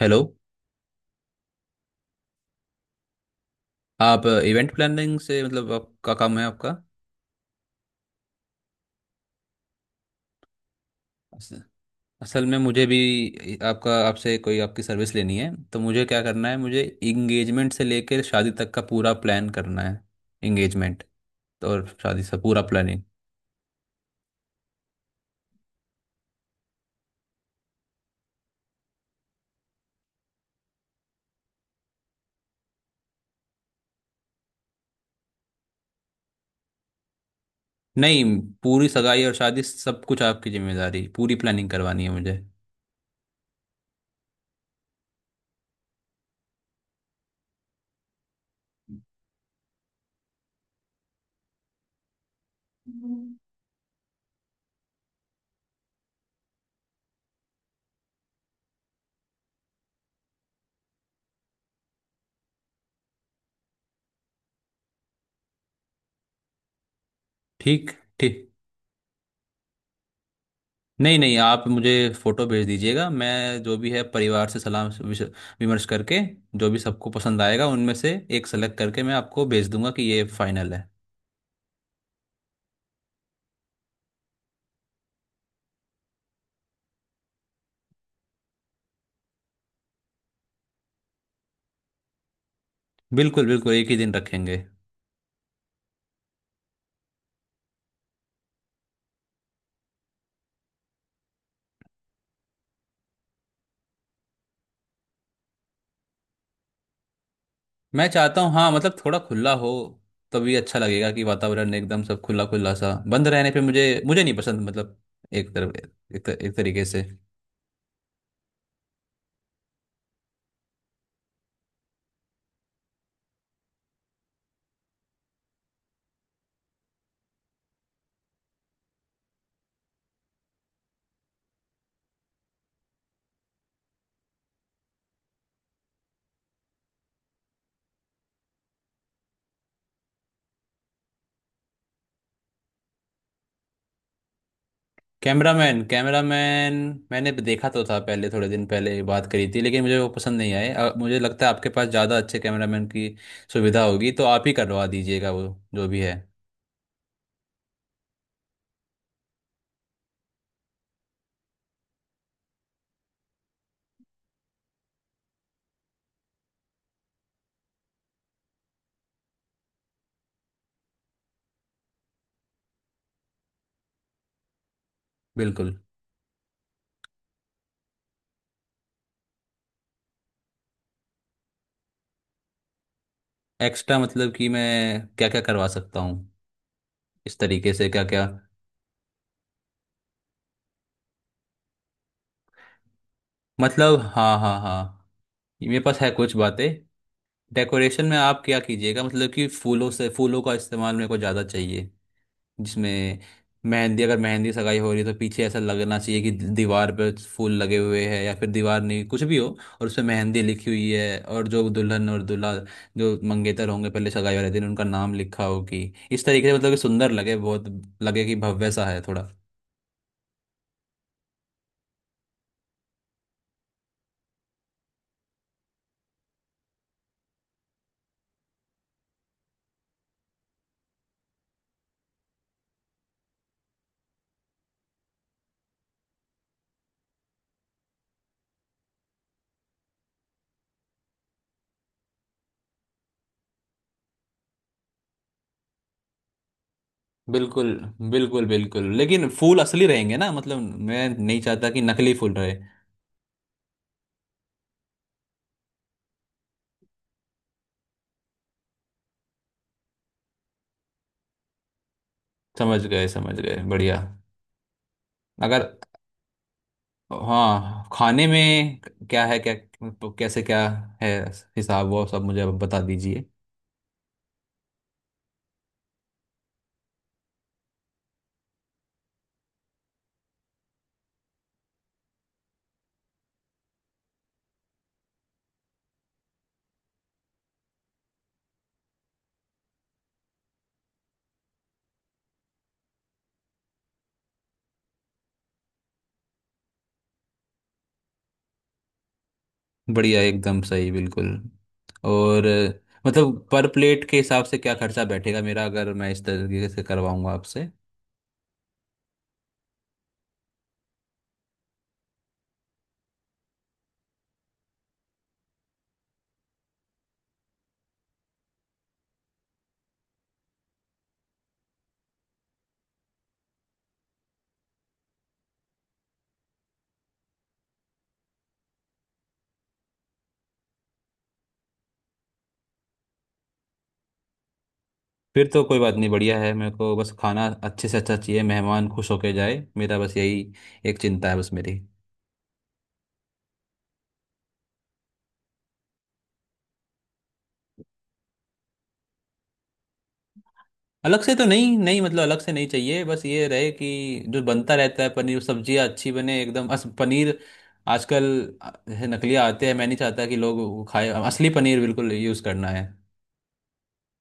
Hello. आप event planning से, मतलब आपका काम है आपका अस- असल में मुझे भी आपका आपसे कोई आपकी सर्विस लेनी है, तो मुझे क्या करना है? मुझे इंगेजमेंट से लेकर शादी तक का पूरा प्लान करना है। इंगेजमेंट, तो और शादी से पूरा प्लानिंग। नहीं, पूरी सगाई और शादी सब कुछ आपकी जिम्मेदारी, पूरी प्लानिंग करवानी है मुझे। ठीक, ठीक। नहीं, नहीं, आप मुझे फोटो भेज दीजिएगा। मैं जो भी है परिवार से सलाह विमर्श करके जो भी सबको पसंद आएगा उनमें से एक सेलेक्ट करके मैं आपको भेज दूंगा कि ये फाइनल है। बिल्कुल बिल्कुल, एक ही दिन रखेंगे। मैं चाहता हूँ, हाँ, मतलब थोड़ा खुला हो, तभी अच्छा लगेगा कि वातावरण एकदम सब खुला खुला सा। बंद रहने पे मुझे मुझे नहीं पसंद, मतलब एक तरफ एक, तर, एक तरीके से। कैमरामैन, कैमरामैन, मैंने देखा तो था, पहले थोड़े दिन पहले बात करी थी, लेकिन मुझे वो पसंद नहीं आए। मुझे लगता है आपके पास ज़्यादा अच्छे कैमरामैन की सुविधा होगी, तो आप ही करवा दीजिएगा वो, जो भी है। बिल्कुल। एक्स्ट्रा मतलब कि मैं क्या क्या करवा सकता हूँ? इस तरीके से क्या क्या? मतलब हाँ, हाँ, हाँ, ये मेरे पास है कुछ बातें। डेकोरेशन में आप क्या कीजिएगा, मतलब कि फूलों का इस्तेमाल मेरे को ज़्यादा चाहिए, जिसमें मेहंदी, अगर मेहंदी सगाई हो रही है, तो पीछे ऐसा लगना चाहिए कि दीवार पे फूल लगे हुए हैं, या फिर दीवार नहीं, कुछ भी हो, और उसमें मेहंदी लिखी हुई है और जो दुल्हन और दूल्हा, जो मंगेतर होंगे पहले सगाई वाले दिन, उनका नाम लिखा हो, कि इस तरीके से, मतलब कि सुंदर लगे बहुत, लगे कि भव्य सा है थोड़ा। बिल्कुल बिल्कुल बिल्कुल, लेकिन फूल असली रहेंगे ना? मतलब मैं नहीं चाहता कि नकली फूल रहे। समझ गए, समझ गए, बढ़िया। अगर हाँ, खाने में क्या है, क्या कैसे क्या है हिसाब, वो सब मुझे आप बता दीजिए। बढ़िया, एकदम सही, बिल्कुल। और मतलब पर प्लेट के हिसाब से क्या खर्चा बैठेगा मेरा, अगर मैं इस तरीके से करवाऊंगा आपसे? फिर तो कोई बात नहीं, बढ़िया है। मेरे को बस खाना अच्छे से अच्छा चाहिए, मेहमान खुश होके जाए, मेरा बस यही एक चिंता है, बस मेरी। अलग से तो नहीं, नहीं, मतलब अलग से नहीं चाहिए। बस ये रहे कि जो बनता रहता है, पनीर सब्जियां अच्छी बने एकदम। अस पनीर आजकल, है, नकलिया आते हैं। मैं नहीं चाहता कि लोग वो खाए, असली पनीर बिल्कुल यूज़ करना है।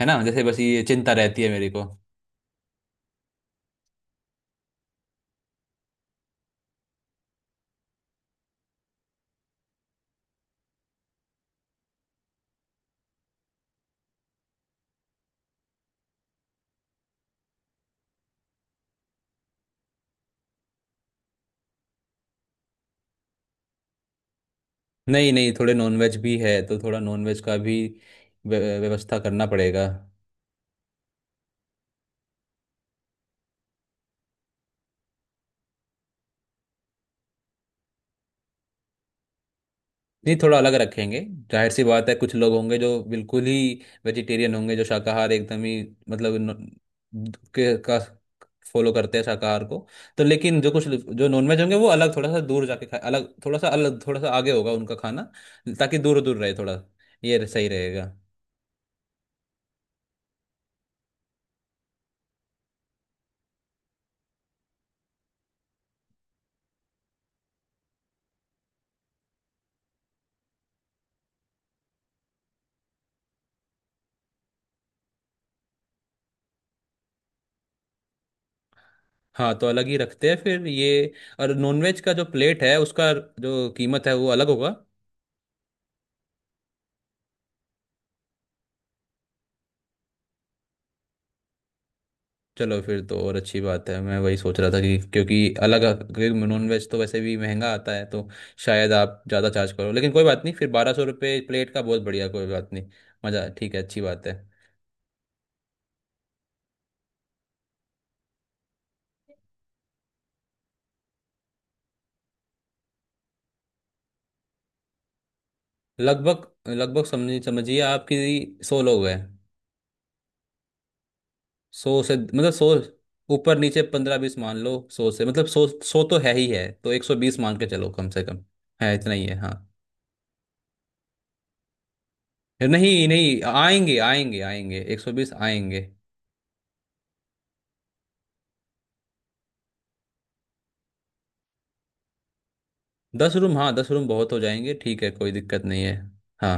है ना? जैसे बस ये चिंता रहती है मेरे को। नहीं, नहीं, थोड़े नॉनवेज भी है, तो थोड़ा नॉनवेज का भी व्यवस्था करना पड़ेगा। नहीं, थोड़ा अलग रखेंगे। जाहिर सी बात है, कुछ लोग होंगे जो बिल्कुल ही वेजिटेरियन होंगे, जो शाकाहार एकदम ही, मतलब न- के का फॉलो करते हैं शाकाहार को। तो लेकिन जो कुछ जो नॉनवेज होंगे, वो अलग थोड़ा सा दूर जाके खाए, अलग थोड़ा सा आगे होगा उनका खाना, ताकि दूर दूर रहे थोड़ा। ये सही रहेगा। हाँ, तो अलग ही रखते हैं फिर ये। और नॉनवेज का जो प्लेट है उसका जो कीमत है वो अलग होगा? चलो, फिर तो और अच्छी बात है। मैं वही सोच रहा था कि, क्योंकि नॉनवेज तो वैसे भी महंगा आता है, तो शायद आप ज़्यादा चार्ज करो, लेकिन कोई बात नहीं। फिर 1200 रुपये प्लेट का, बहुत बढ़िया, कोई बात नहीं। मज़ा, ठीक है, अच्छी बात है। लगभग लगभग, समझिए, आपकी 100 लोग हैं। सौ से मतलब सौ, ऊपर नीचे 15-20 मान लो। सौ से मतलब, सौ सौ तो है ही है, तो 120 मान के चलो कम से कम। है, इतना ही है, हाँ। नहीं, नहीं, आएंगे, आएंगे, आएंगे, 120 आएंगे। दस रूम, हाँ, 10 रूम बहुत हो जाएंगे, ठीक है, कोई दिक्कत नहीं है, हाँ।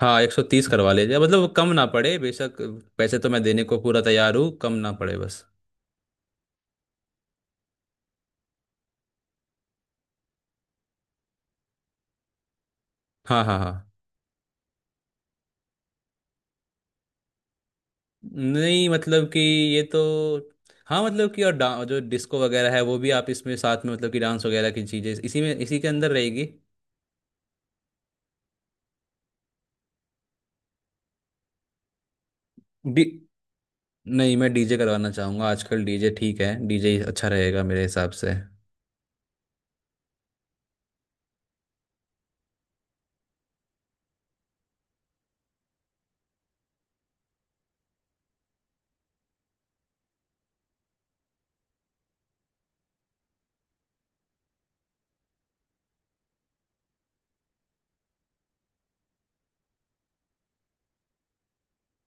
हाँ, 130 करवा लीजिए, मतलब कम ना पड़े बेशक। पैसे तो मैं देने को पूरा तैयार हूँ, कम ना पड़े बस। हाँ, हाँ, हाँ, नहीं, मतलब कि ये तो, हाँ, मतलब कि और जो डिस्को वगैरह है, वो भी आप इसमें साथ में, मतलब कि डांस वगैरह की चीजें इसी में, इसी के अंदर रहेगी? डी नहीं, मैं डीजे करवाना चाहूंगा। आजकल डीजे ठीक है, डीजे अच्छा रहेगा मेरे हिसाब से।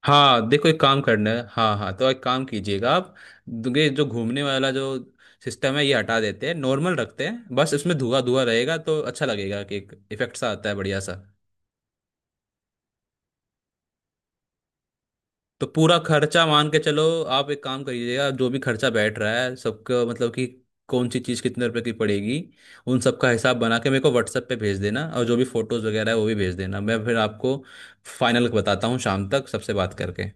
हाँ देखो, एक काम करना है, हाँ, हाँ। तो एक काम कीजिएगा आप, ये जो घूमने वाला जो सिस्टम है, ये हटा देते हैं, नॉर्मल रखते हैं, बस इसमें धुआं धुआं रहेगा, तो अच्छा लगेगा कि एक इफेक्ट सा आता है, बढ़िया सा। तो पूरा खर्चा मान के चलो। आप एक काम करिएगा, जो भी खर्चा बैठ रहा है सबका, मतलब कि कौन सी चीज़ कितने रुपए की पड़ेगी, उन सब का हिसाब बना के मेरे को व्हाट्सएप पे भेज देना, और जो भी फोटोज़ वगैरह है वो भी भेज देना। मैं फिर आपको फाइनल बताता हूँ शाम तक सबसे बात करके।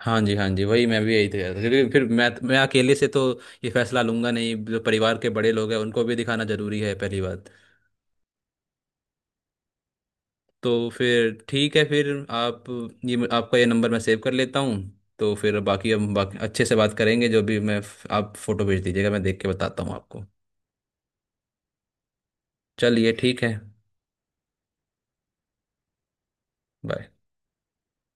हाँ जी, हाँ जी, वही मैं भी यही कह रहा था, क्योंकि फिर मैं अकेले से तो ये फैसला लूंगा नहीं, जो परिवार के बड़े लोग हैं उनको भी दिखाना जरूरी है, पहली बात। तो फिर ठीक है फिर। आप ये आपका ये नंबर मैं सेव कर लेता हूँ, तो फिर बाकी, हम बाकी अच्छे से बात करेंगे, जो भी मैं, आप फोटो भेज दीजिएगा, मैं देख के बताता हूँ आपको। चलिए, ठीक है, बाय।